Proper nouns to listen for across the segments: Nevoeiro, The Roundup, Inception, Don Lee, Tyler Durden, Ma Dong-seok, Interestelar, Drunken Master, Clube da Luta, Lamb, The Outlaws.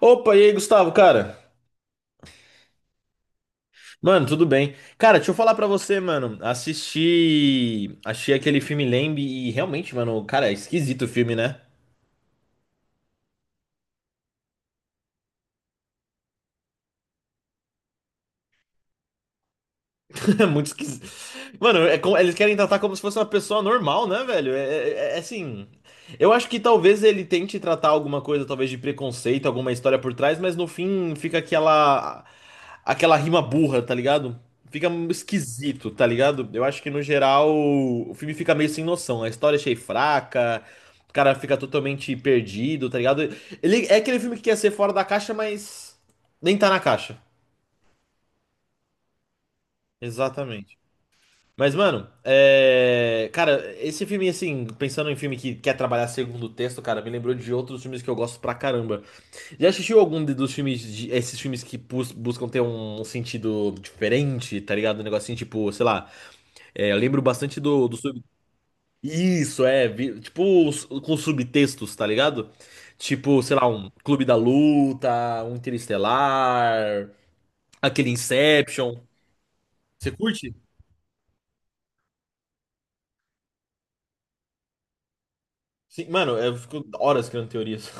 Opa, e aí, Gustavo, cara? Mano, tudo bem? Cara, deixa eu falar pra você, mano. Assisti, achei aquele filme Lamb e realmente, mano, cara, é esquisito o filme, né? É muito esquisito. Mano, eles querem tratar como se fosse uma pessoa normal, né, velho? É assim. Eu acho que talvez ele tente tratar alguma coisa, talvez de preconceito, alguma história por trás, mas no fim fica aquela rima burra, tá ligado? Fica esquisito, tá ligado? Eu acho que no geral o filme fica meio sem noção. A história achei fraca, o cara fica totalmente perdido, tá ligado? Ele é aquele filme que quer ser fora da caixa, mas nem tá na caixa. Exatamente. Mas, mano, cara, esse filme, assim, pensando em filme que quer trabalhar segundo texto, cara, me lembrou de outros filmes que eu gosto pra caramba. Já assistiu dos filmes, esses filmes que buscam ter um sentido diferente, tá ligado? Um negocinho tipo, sei lá, é, eu lembro bastante do sub... Isso, tipo, com subtextos, tá ligado? Tipo, sei lá, um Clube da Luta, um Interestelar, aquele Inception. Você curte? Sim, mano, eu fico horas criando teorias.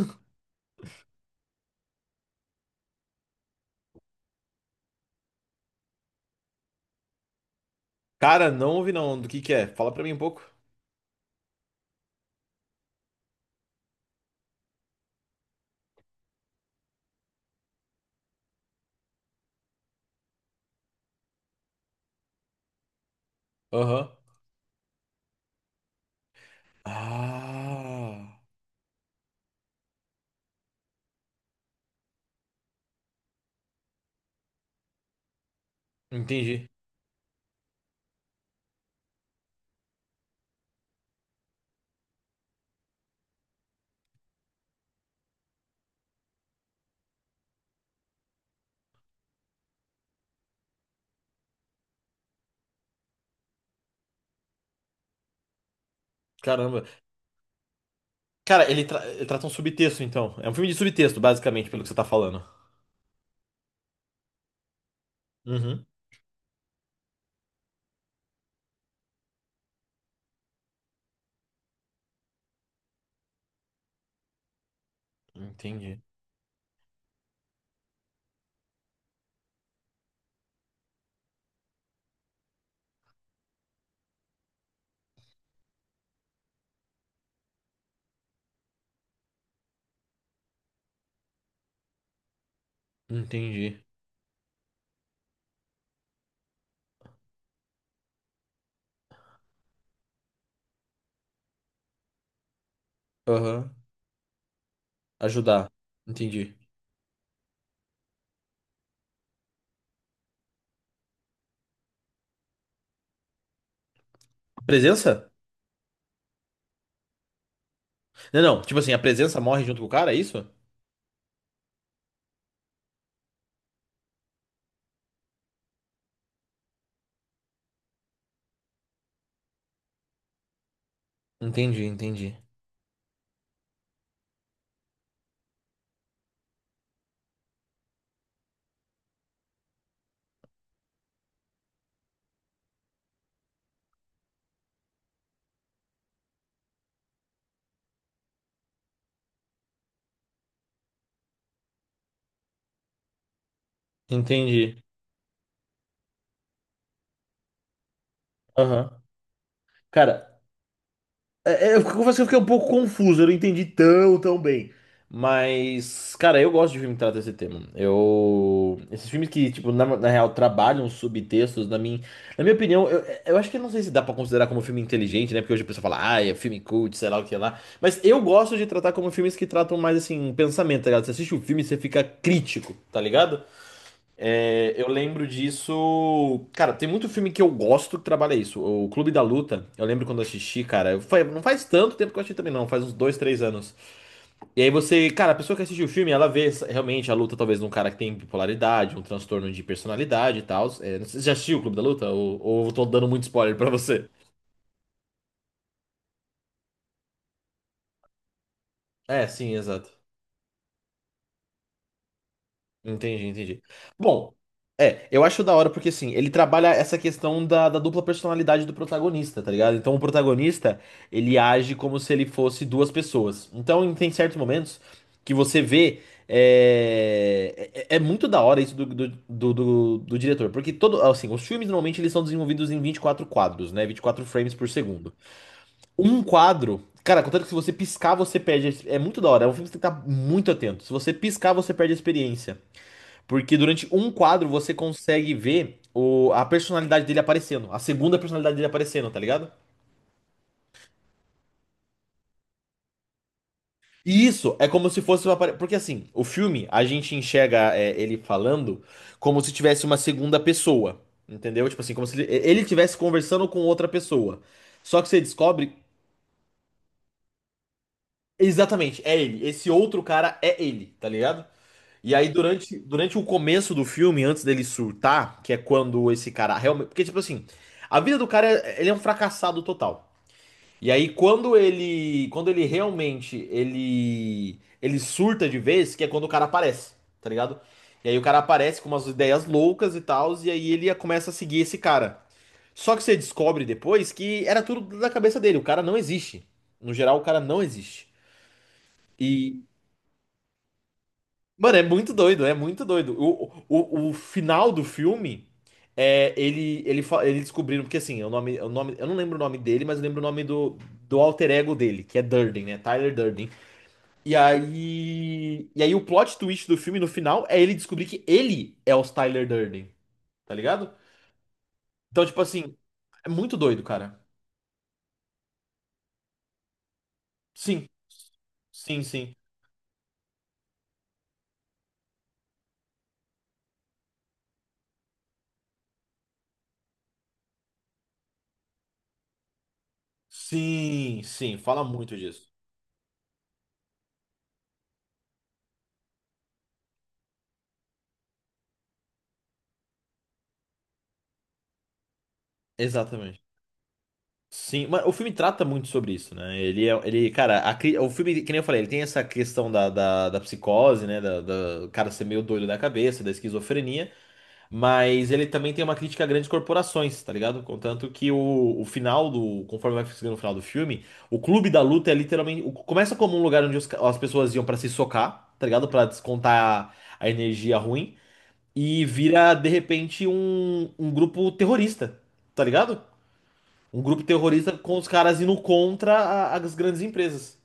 Cara, não ouvi não. Do que é? Fala pra mim um pouco. Aham. Ah, entendi. Caramba. Cara, ele trata um subtexto, então. É um filme de subtexto, basicamente, pelo que você tá falando. Uhum. Entendi. Entendi. Aham. Ajudar. Entendi. Presença? Não, não. Tipo assim, a presença morre junto com o cara, é isso? Entendi, entendi. Entendi. Aham. Cara, é, é, eu confesso que eu fiquei um pouco confuso, eu não entendi tão, tão bem. Mas, cara, eu gosto de filme que trata esse tema. Eu. Esses filmes que, tipo, na real, trabalham subtextos, na minha opinião, eu acho que não sei se dá pra considerar como filme inteligente, né? Porque hoje a pessoa fala, ah, é filme cult, sei lá o que lá. Mas eu gosto de tratar como filmes que tratam mais, assim, pensamento, tá ligado? Você assiste o filme e você fica crítico, tá ligado? É, eu lembro disso. Cara, tem muito filme que eu gosto que trabalha isso. O Clube da Luta, eu lembro quando eu assisti, cara. Foi, não faz tanto tempo que eu assisti também, não. Faz uns dois, três anos. E aí você, cara, a pessoa que assistiu o filme, ela vê realmente a luta, talvez, de um cara que tem bipolaridade, um transtorno de personalidade e tal. É, não sei você já assistiu o Clube da Luta? Ou eu tô dando muito spoiler pra você? É, sim, exato. Entendi, entendi. Bom, é, eu acho da hora porque assim, ele trabalha essa questão da dupla personalidade do protagonista, tá ligado? Então o protagonista, ele age como se ele fosse duas pessoas. Então tem certos momentos que você vê. É, é muito da hora isso do diretor, porque todo, assim, os filmes normalmente eles são desenvolvidos em 24 quadros, né? 24 frames por segundo. Um quadro, cara, contanto que se você piscar, você perde. É muito da hora, é um filme que você tem que estar muito atento. Se você piscar, você perde a experiência. Porque durante um quadro você consegue ver o, a personalidade dele aparecendo, a segunda personalidade dele aparecendo, tá ligado? E isso é como se fosse uma. Porque assim, o filme, a gente enxerga é, ele falando como se tivesse uma segunda pessoa, entendeu? Tipo assim, como se ele estivesse conversando com outra pessoa. Só que você descobre exatamente, é ele. Esse outro cara é ele, tá ligado? E aí, durante o começo do filme, antes dele surtar, que é quando esse cara realmente. Porque, tipo assim, a vida do cara, ele é um fracassado total. E aí, quando ele. Quando ele realmente. Ele. Ele surta de vez, que é quando o cara aparece, tá ligado? E aí, o cara aparece com umas ideias loucas e tal, e aí ele começa a seguir esse cara. Só que você descobre depois que era tudo da cabeça dele, o cara não existe. No geral, o cara não existe. Mano, é muito doido, é muito doido. O final do filme é ele descobriram porque assim, é o nome eu não lembro o nome dele, mas eu lembro o nome do alter ego dele, que é Durden, né? Tyler Durden. E aí o plot twist do filme no final é ele descobrir que ele é o Tyler Durden, tá ligado? Então, tipo assim, é muito doido, cara. Sim, sim, sim. Sim, sim, fala muito disso. Exatamente. Sim, mas o filme trata muito sobre isso, né? Ele é, ele, cara, o filme, que nem eu falei, ele tem essa questão da psicose, né? O cara ser meio doido da cabeça, da esquizofrenia, mas ele também tem uma crítica a grandes corporações, tá ligado? Contanto que o final do, conforme vai ficando o final do filme, o clube da luta é literalmente, começa como um lugar onde as pessoas iam pra se socar, tá ligado? Pra descontar a energia ruim, e vira, de repente, um grupo terrorista, tá ligado? Um grupo terrorista com os caras indo contra as grandes empresas.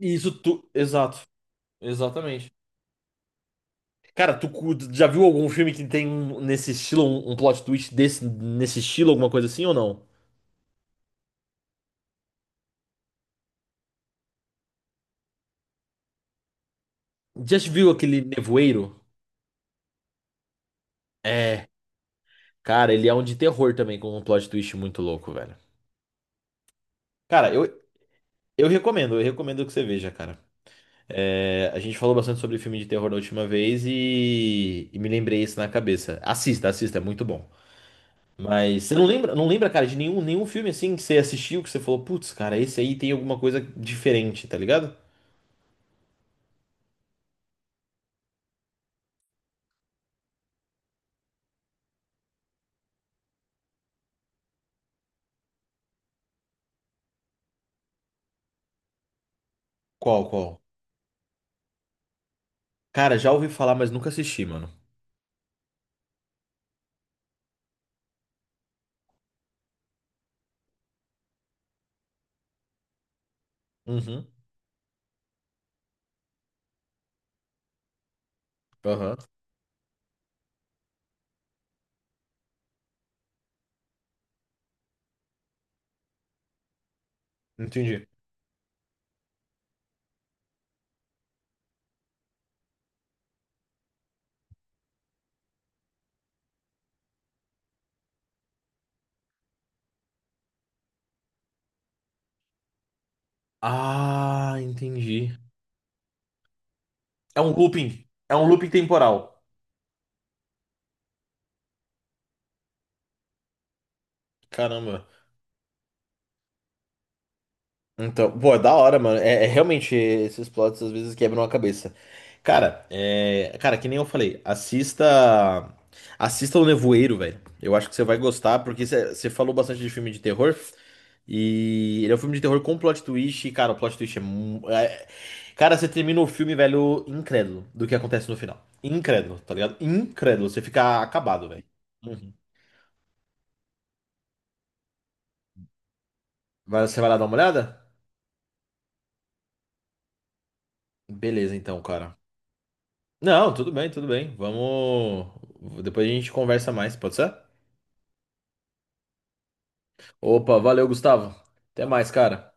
E isso tu. Exato. Exatamente. Cara, já viu algum filme que tem nesse estilo, um plot twist desse, nesse estilo, alguma coisa assim ou não? Já viu aquele Nevoeiro? É. Cara, ele é um de terror também, com um plot twist muito louco, velho. Cara, eu recomendo que você veja, cara. É, a gente falou bastante sobre filme de terror da última vez e me lembrei isso na cabeça. Assista, assista, é muito bom. Mas você não lembra, não lembra, cara, de nenhum, nenhum filme assim que você assistiu que você falou, putz, cara, esse aí tem alguma coisa diferente, tá ligado? Qual, qual? Cara, já ouvi falar, mas nunca assisti, mano. Uhum. Aham. Entendi. Ah, entendi. É um looping. É um looping temporal. Caramba. Então, pô, é da hora, mano. É, é realmente esses plots às vezes quebram a cabeça. Cara, é, cara, que nem eu falei, assista, assista O Nevoeiro, velho. Eu acho que você vai gostar porque você falou bastante de filme de terror e ele é um filme de terror com plot twist. E, cara, o plot twist é, cara, você termina o filme, velho, incrédulo do que acontece no final. Incrédulo, tá ligado? Incrédulo, você fica acabado, velho. Uhum. Mas você vai lá dar uma olhada? Beleza, então, cara. Não, tudo bem, tudo bem. Vamos. Depois a gente conversa mais, pode ser? Opa, valeu, Gustavo. Até mais, cara.